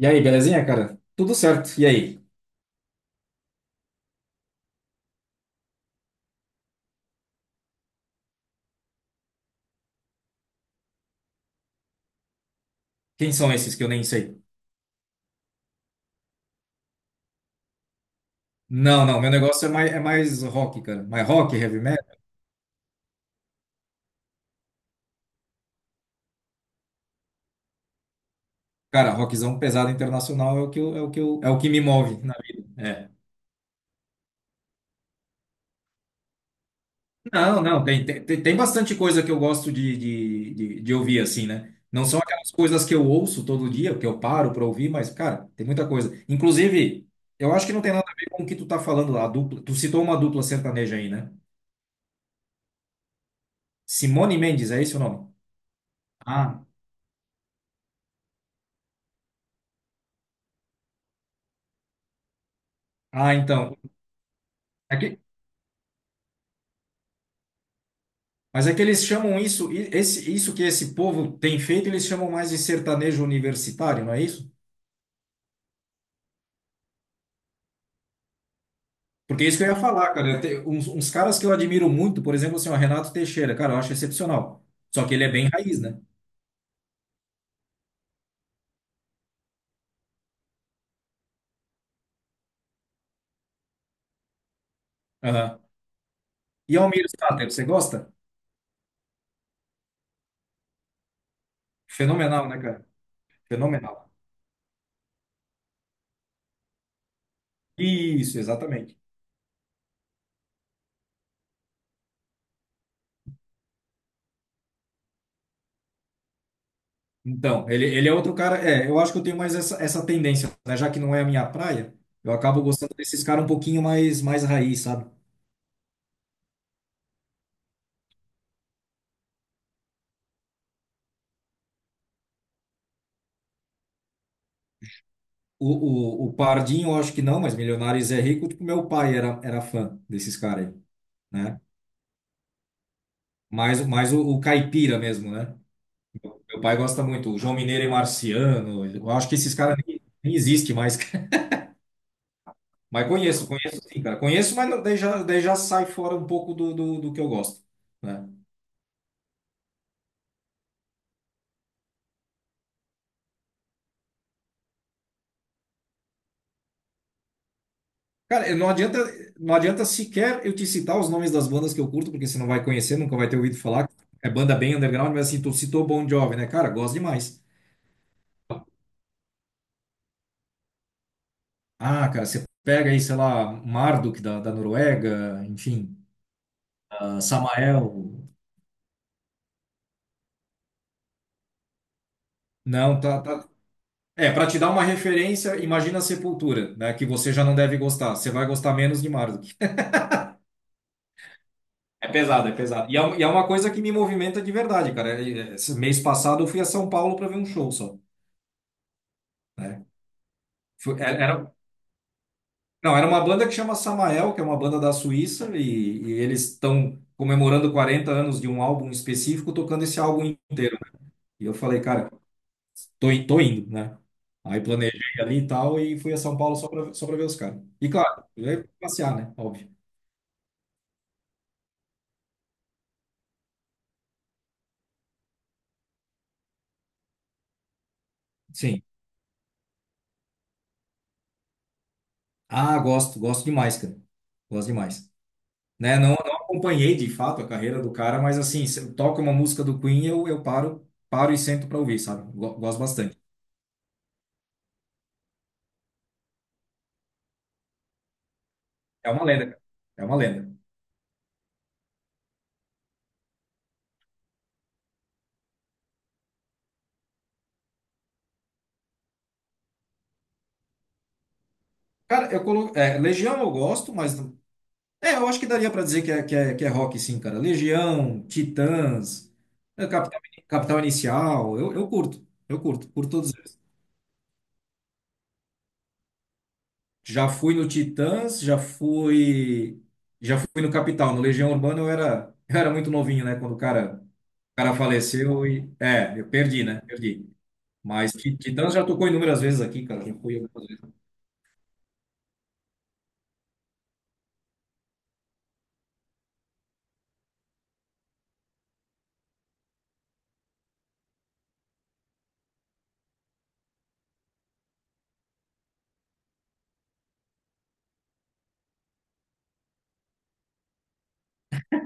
E aí, belezinha, cara? Tudo certo. E aí? Quem são esses que eu nem sei? Não, não, meu negócio é mais rock, cara. Mais rock, heavy metal. Cara, rockzão pesado internacional é o que, é o que, é o que me move na vida. É. Não, não, tem bastante coisa que eu gosto de ouvir, assim, né? Não são aquelas coisas que eu ouço todo dia, que eu paro pra ouvir, mas, cara, tem muita coisa. Inclusive, eu acho que não tem nada a ver com o que tu tá falando lá, a dupla. Tu citou uma dupla sertaneja aí, né? Simone Mendes, é esse o nome? Ah, ah, então. Mas é que eles chamam isso que esse povo tem feito, eles chamam mais de sertanejo universitário, não é isso? Porque é isso que eu ia falar, cara. Tem uns caras que eu admiro muito, por exemplo, assim, o Renato Teixeira, cara, eu acho excepcional. Só que ele é bem raiz, né? Aham. E Almir Sater, você gosta? Fenomenal, né, cara? Fenomenal. Isso, exatamente. Então, ele é outro cara. É, eu acho que eu tenho mais essa tendência, né? Já que não é a minha praia, eu acabo gostando desses caras um pouquinho mais raiz, sabe? O Pardinho, eu acho que não, mas Milionários é Rico, tipo, meu pai era fã desses caras aí, né? Mais o Caipira mesmo, né? Meu pai gosta muito, o João Mineiro e Marciano, eu acho que esses caras nem existem mais. Mas conheço, conheço sim, cara. Conheço, mas não, daí já sai fora um pouco do que eu gosto, né? Cara, não adianta sequer eu te citar os nomes das bandas que eu curto, porque você não vai conhecer, nunca vai ter ouvido falar. É banda bem underground, mas assim, tu citou Bon Jovi, né? Cara, gosto demais. Ah, cara, você pega aí, sei lá, Marduk da Noruega, enfim, ah, Samael. Não, tá, tá. É, para te dar uma referência, imagina a Sepultura, né? Que você já não deve gostar. Você vai gostar menos de Marduk. É pesado, é pesado. E é uma coisa que me movimenta de verdade, cara. Esse mês passado eu fui a São Paulo para ver um show só, né? Era, não, era uma banda que chama Samael, que é uma banda da Suíça, e eles estão comemorando 40 anos de um álbum específico, tocando esse álbum inteiro. E eu falei, cara. Tô, tô indo, né? Aí planejei ali e tal e fui a São Paulo só pra ver os caras. E claro, eu ia passear, né? Óbvio. Sim. Ah, gosto, gosto demais, cara. Gosto demais. Né? Não, não acompanhei de fato a carreira do cara, mas assim, se eu toco uma música do Queen, eu paro, paro e sento pra ouvir, sabe? Gosto bastante. É uma lenda, cara. É uma lenda. Cara, é, Legião eu gosto, mas é, eu acho que daria pra dizer que é rock, sim, cara. Legião, Titãs, é, Capital Inicial, eu curto, eu curto, por todos eles. Já fui no Titãs, já fui no Capital, no Legião Urbana eu era muito novinho, né, quando o cara faleceu e, eu perdi, né, perdi. Mas Titãs já tocou inúmeras vezes aqui, cara, já fui algumas vezes.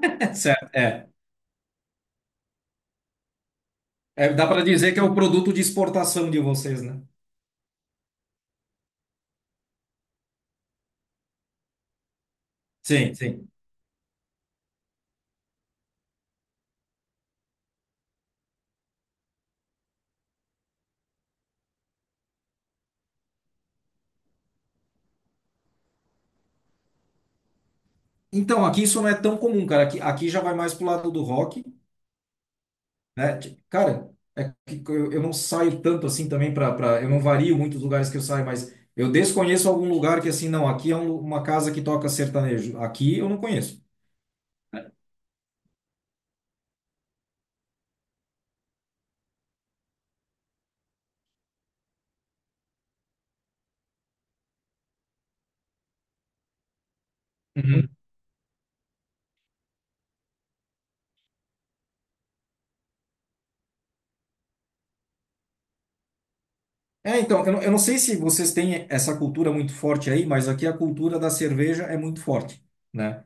Certo, é. É, dá pra dizer que é o produto de exportação de vocês, né? Sim, sim. Então, aqui isso não é tão comum, cara. Aqui já vai mais pro lado do rock, né? Cara, é que eu não saio tanto assim também eu não vario muitos lugares que eu saio, mas eu desconheço algum lugar que assim, não, aqui é uma casa que toca sertanejo. Aqui eu não conheço. Uhum. É, então, eu não sei se vocês têm essa cultura muito forte aí, mas aqui a cultura da cerveja é muito forte, né?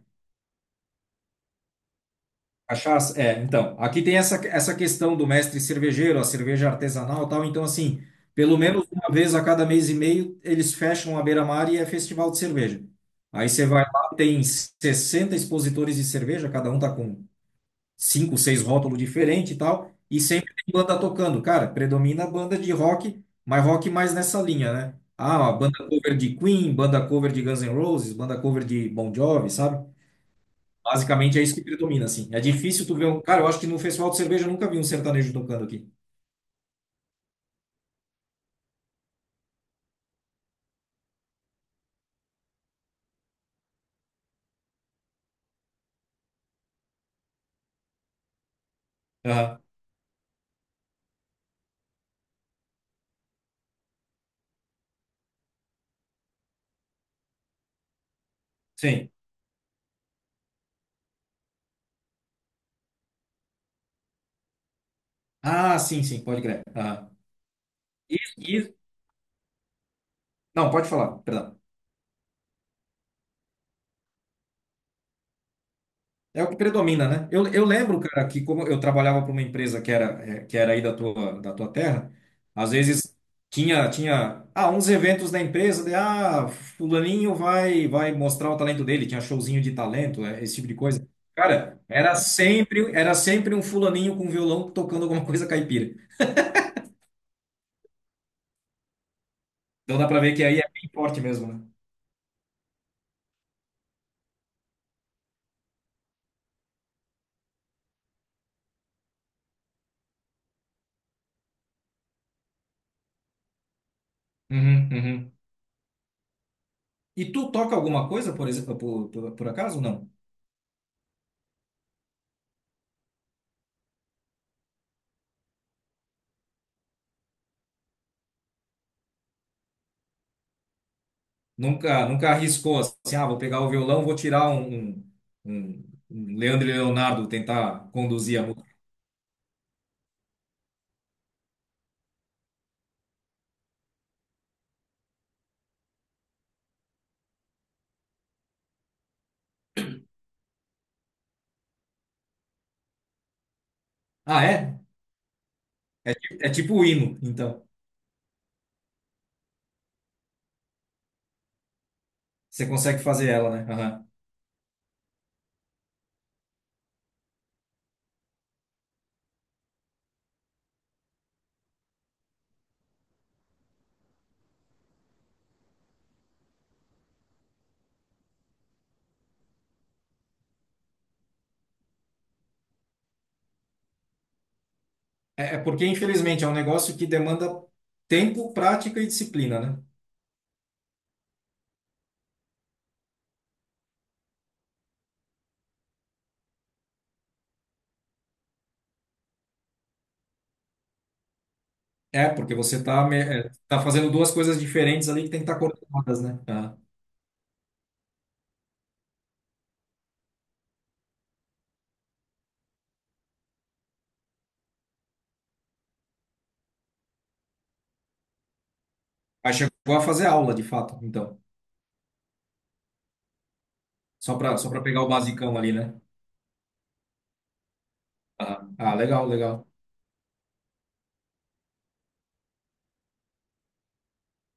Cachaça, é, então, aqui tem essa questão do mestre cervejeiro, a cerveja artesanal e tal, então assim, pelo menos uma vez a cada mês e meio eles fecham a beira-mar e é festival de cerveja. Aí você vai lá, tem 60 expositores de cerveja, cada um tá com cinco, seis rótulos diferentes e tal, e sempre tem banda tocando. Cara, predomina a banda de rock, mas rock mais nessa linha, né? Ah, a banda cover de Queen, banda cover de Guns N' Roses, banda cover de Bon Jovi, sabe? Basicamente é isso que predomina, assim. É difícil tu ver um. Cara, eu acho que no festival de cerveja eu nunca vi um sertanejo tocando aqui. Aham. Sim. Ah, sim, sim, pode crer. Aham. Isso, isso. Não, pode falar, perdão. É o que predomina, né? Eu lembro, cara, que como eu trabalhava para uma empresa que era aí da tua terra, às vezes tinha uns eventos da empresa, de, ah, fulaninho vai mostrar o talento dele, tinha showzinho de talento, esse tipo de coisa. Cara, era sempre um fulaninho com violão tocando alguma coisa caipira. Então dá para ver que aí é bem forte mesmo, né? Uhum, uhum. E tu toca alguma coisa, por exemplo, por acaso? Não. Nunca, nunca arriscou assim, ah, vou pegar o violão, vou tirar um- um Leandro e Leonardo, tentar conduzir a música. Ah, é? É, é tipo o hino, então. Você consegue fazer ela, né? Aham. É, é porque, infelizmente, é um negócio que demanda tempo, prática e disciplina, né? É, porque você está tá me- é, tá fazendo duas coisas diferentes ali que tem que estar coordenadas, né? Aham. Aí chegou a fazer aula, de fato, então. Só para pegar o basicão ali, né? Aham. Ah, legal, legal.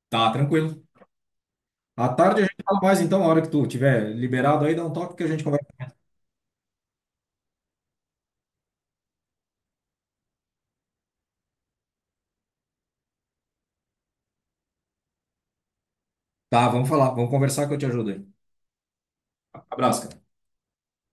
Tá, tranquilo. À tarde a gente fala mais, então, a hora que tu tiver liberado aí, dá um toque que a gente conversa. Tá, vamos falar, vamos conversar que eu te ajudo aí. Abraço, cara.